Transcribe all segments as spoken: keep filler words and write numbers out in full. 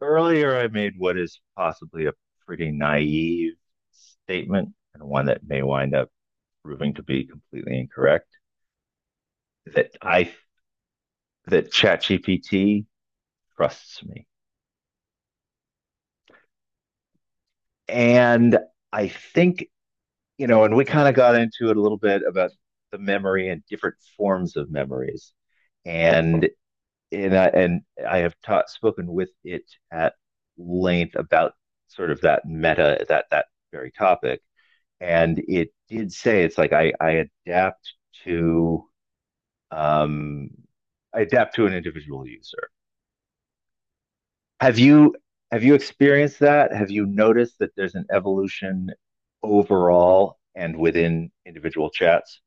Earlier, I made what is possibly a pretty naive statement and one that may wind up proving to be completely incorrect that I that ChatGPT trusts me. And I think, you know, and we kind of got into it a little bit about the memory and different forms of memories. And and I, and I have taught spoken with it at length about sort of that meta, that that very topic, and it did say, it's like, I, I adapt to um, I adapt to an individual user. Have you have you experienced that? Have you noticed that there's an evolution overall and within individual chats?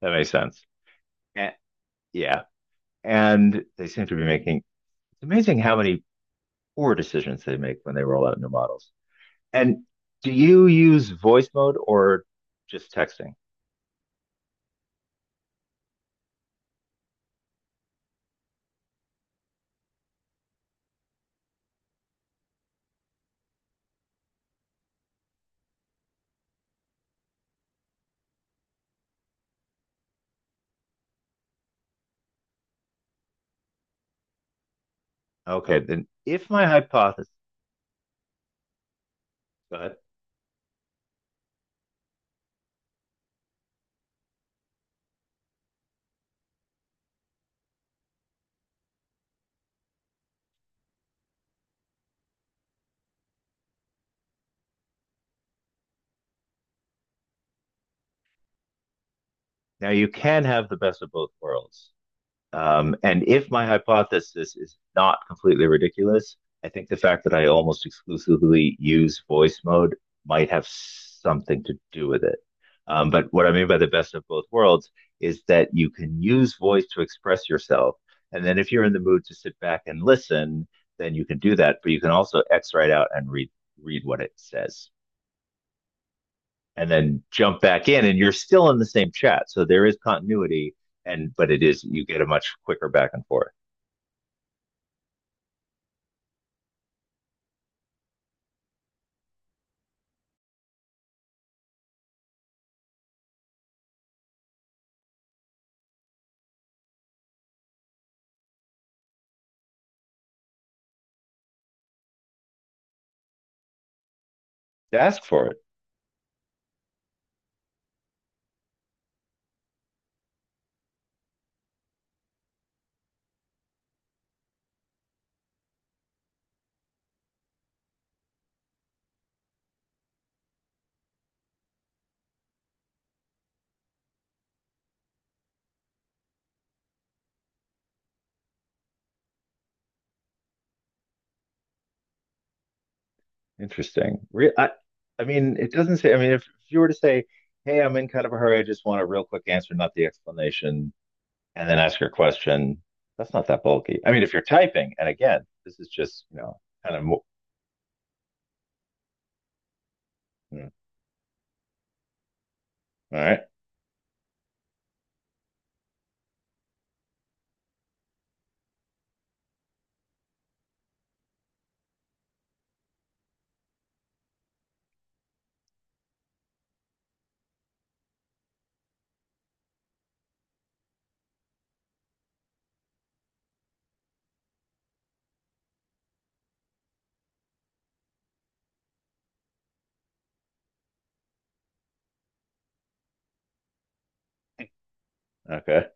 That makes sense. Eh, yeah, and they seem to be making. It's amazing how many poor decisions they make when they roll out new models. And do you use voice mode or just texting? Okay, then if my hypothesis, go ahead. Now, you can have the best of both worlds. Um, and if my hypothesis is not completely ridiculous, I think the fact that I almost exclusively use voice mode might have something to do with it. Um, but what I mean by the best of both worlds is that you can use voice to express yourself. And then if you're in the mood to sit back and listen, then you can do that. But you can also X right out and read read what it says, and then jump back in and you're still in the same chat. So there is continuity, and but it is, you get a much quicker back and forth. To ask for it. Interesting. Re- I, I mean, it doesn't say. I mean, if, if you were to say, "Hey, I'm in kind of a hurry. I just want a real quick answer, not the explanation," and then ask your question, that's not that bulky. I mean, if you're typing, and again, this is just, you know, kind of mo- hmm, all right. Okay.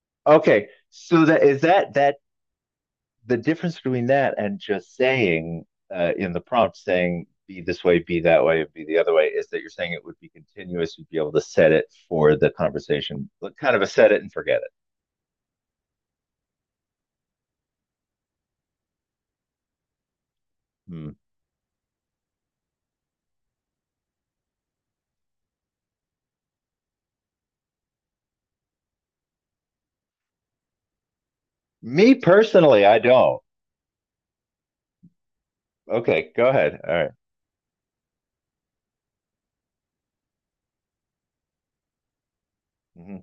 Okay. So that is, that that the difference between that and just saying, uh, in the prompt, saying be this way, be that way, and be the other way, is that you're saying it would be continuous. You'd be able to set it for the conversation, like kind of a set it and forget it. Hmm. Me personally, I don't. Okay, go ahead. All right. Mm-hmm.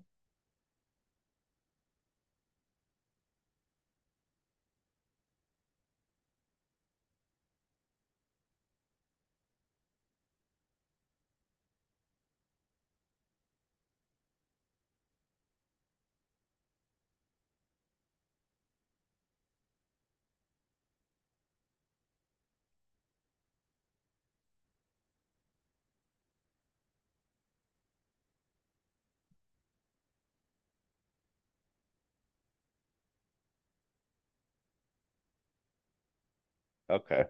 Okay.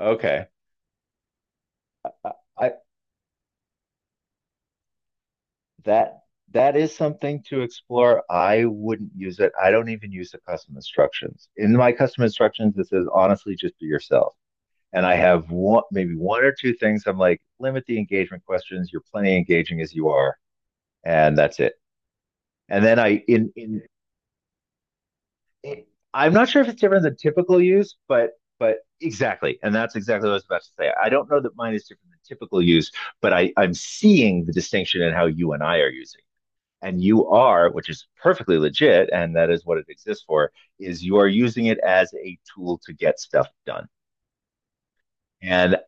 Okay. I, I that that is something to explore. I wouldn't use it. I don't even use the custom instructions. In my custom instructions, it says, honestly, just be yourself, and I have one, maybe one or two things. I'm like, limit the engagement questions. You're plenty engaging as you are, and that's it. And then I, in in, in I'm not sure if it's different than typical use, but but exactly, and that's exactly what I was about to say. I don't know that mine is different than typical use, but I I'm seeing the distinction in how you and I are using. And you are, which is perfectly legit, and that is what it exists for, is you are using it as a tool to get stuff done. And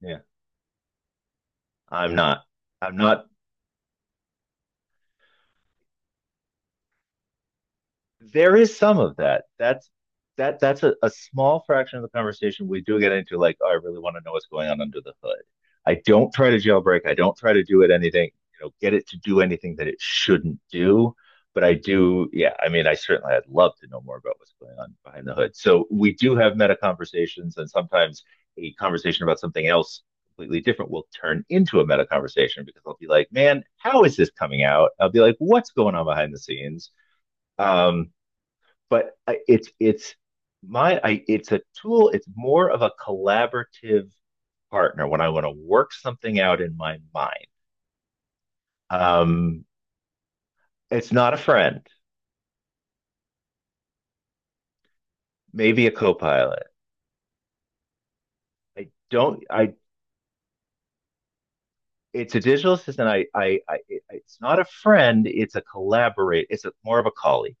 Yeah. I'm not. I'm not, there is some of that. That's that that's a, a small fraction of the conversation. We do get into like, oh, I really want to know what's going on under the hood. I don't try to jailbreak. I don't try to do it anything, you know, get it to do anything that it shouldn't do. But I do, yeah, I mean, I certainly I'd love to know more about what's going on behind the hood. So we do have meta conversations, and sometimes a conversation about something else completely different will turn into a meta conversation because I'll be like, man, how is this coming out? I'll be like, what's going on behind the scenes? Um, but it's, it's my I, it's a tool. It's more of a collaborative partner when I want to work something out in my mind. Um, it's not a friend, maybe a co-pilot. I don't. I It's a digital assistant. I I, I It's not a friend. It's a collaborate. It's a, more of a colleague.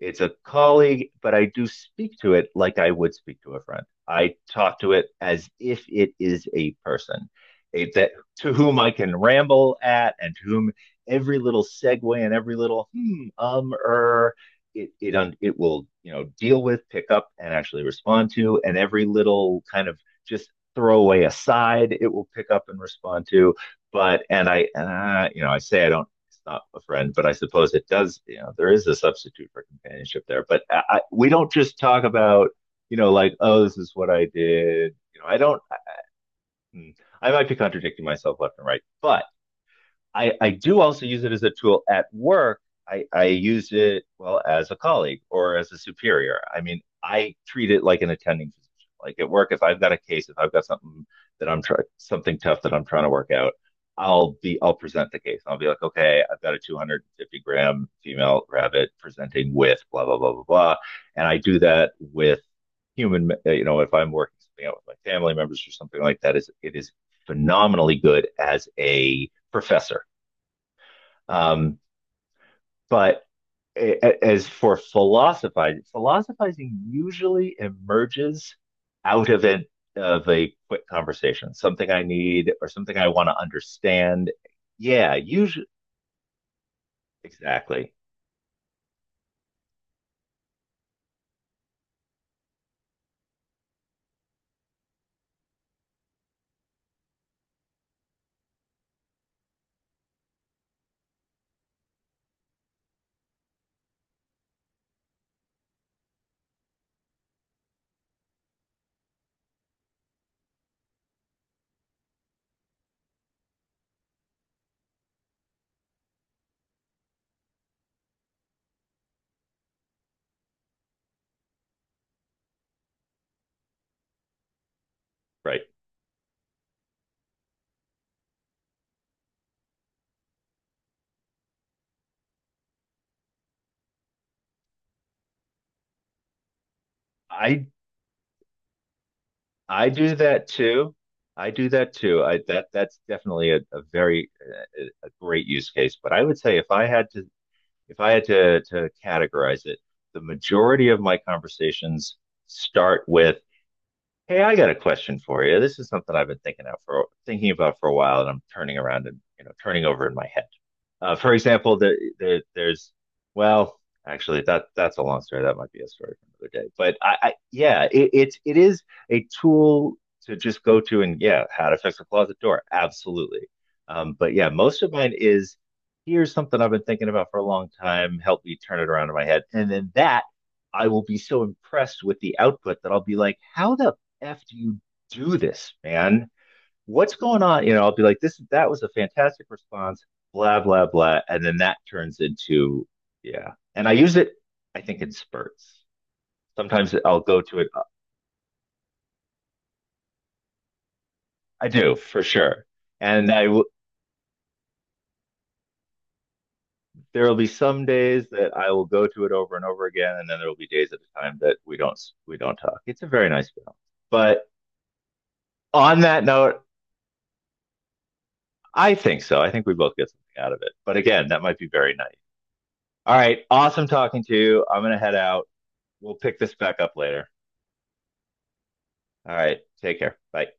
It's a colleague, but I do speak to it like I would speak to a friend. I talk to it as if it is a person, a, that to whom I can ramble at, and to whom every little segue and every little hmm, um, er, it, it, un, it will, you know, deal with, pick up and actually respond to. And every little kind of just throwaway aside, it will pick up and respond to. But, and I, and I, you know, I say, I don't it's not a friend, but I suppose it does. You know, there is a substitute for companionship there. But I, I, we don't just talk about, you know like, oh, this is what I did. You know, I don't. hmm, I might be contradicting myself left and right, but I, I do also use it as a tool at work. I, I use it, well, as a colleague or as a superior. I mean, I treat it like an attending physician. Like at work, if I've got a case, if I've got something that I'm trying, something tough that I'm trying to work out, I'll be, I'll present the case. I'll be like, okay, I've got a 250 gram female rabbit presenting with blah, blah, blah, blah, blah. And I do that with human, uh, you know, if I'm working something out with my family members or something like that, is it is phenomenally good as a professor, um, but as for philosophizing, philosophizing usually emerges out of an of a quick conversation, something I need or something I want to understand. Yeah, usually exactly right. I I do that too. I do that too. I that that's definitely a, a very a, a great use case. But I would say, if I had to if I had to to categorize it, the majority of my conversations start with, hey, I got a question for you. This is something I've been thinking out for thinking about for a while, and I'm turning around and, you know turning over in my head. Uh, for example, the, the, there's well, actually, that that's a long story. That might be a story for another day. But I, I yeah, it, it's it is a tool to just go to, and yeah, how to fix a closet door, absolutely. Um, but yeah, most of mine is, here's something I've been thinking about for a long time. Help me turn it around in my head, and then that. I will be so impressed with the output that I'll be like, how the f do you do this, man? What's going on? You know, I'll be like, this that was a fantastic response, blah, blah, blah. And then that turns into, yeah. And I use it, I think, in spurts. Sometimes I'll go to it. uh, I do for sure. And I will, there will be some days that I will go to it over and over again, and then there will be days at a time that we don't we don't talk. It's a very nice balance. But on that note, I think so. I think we both get something out of it. But again, that might be very nice. All right. Awesome talking to you. I'm going to head out. We'll pick this back up later. All right. Take care. Bye.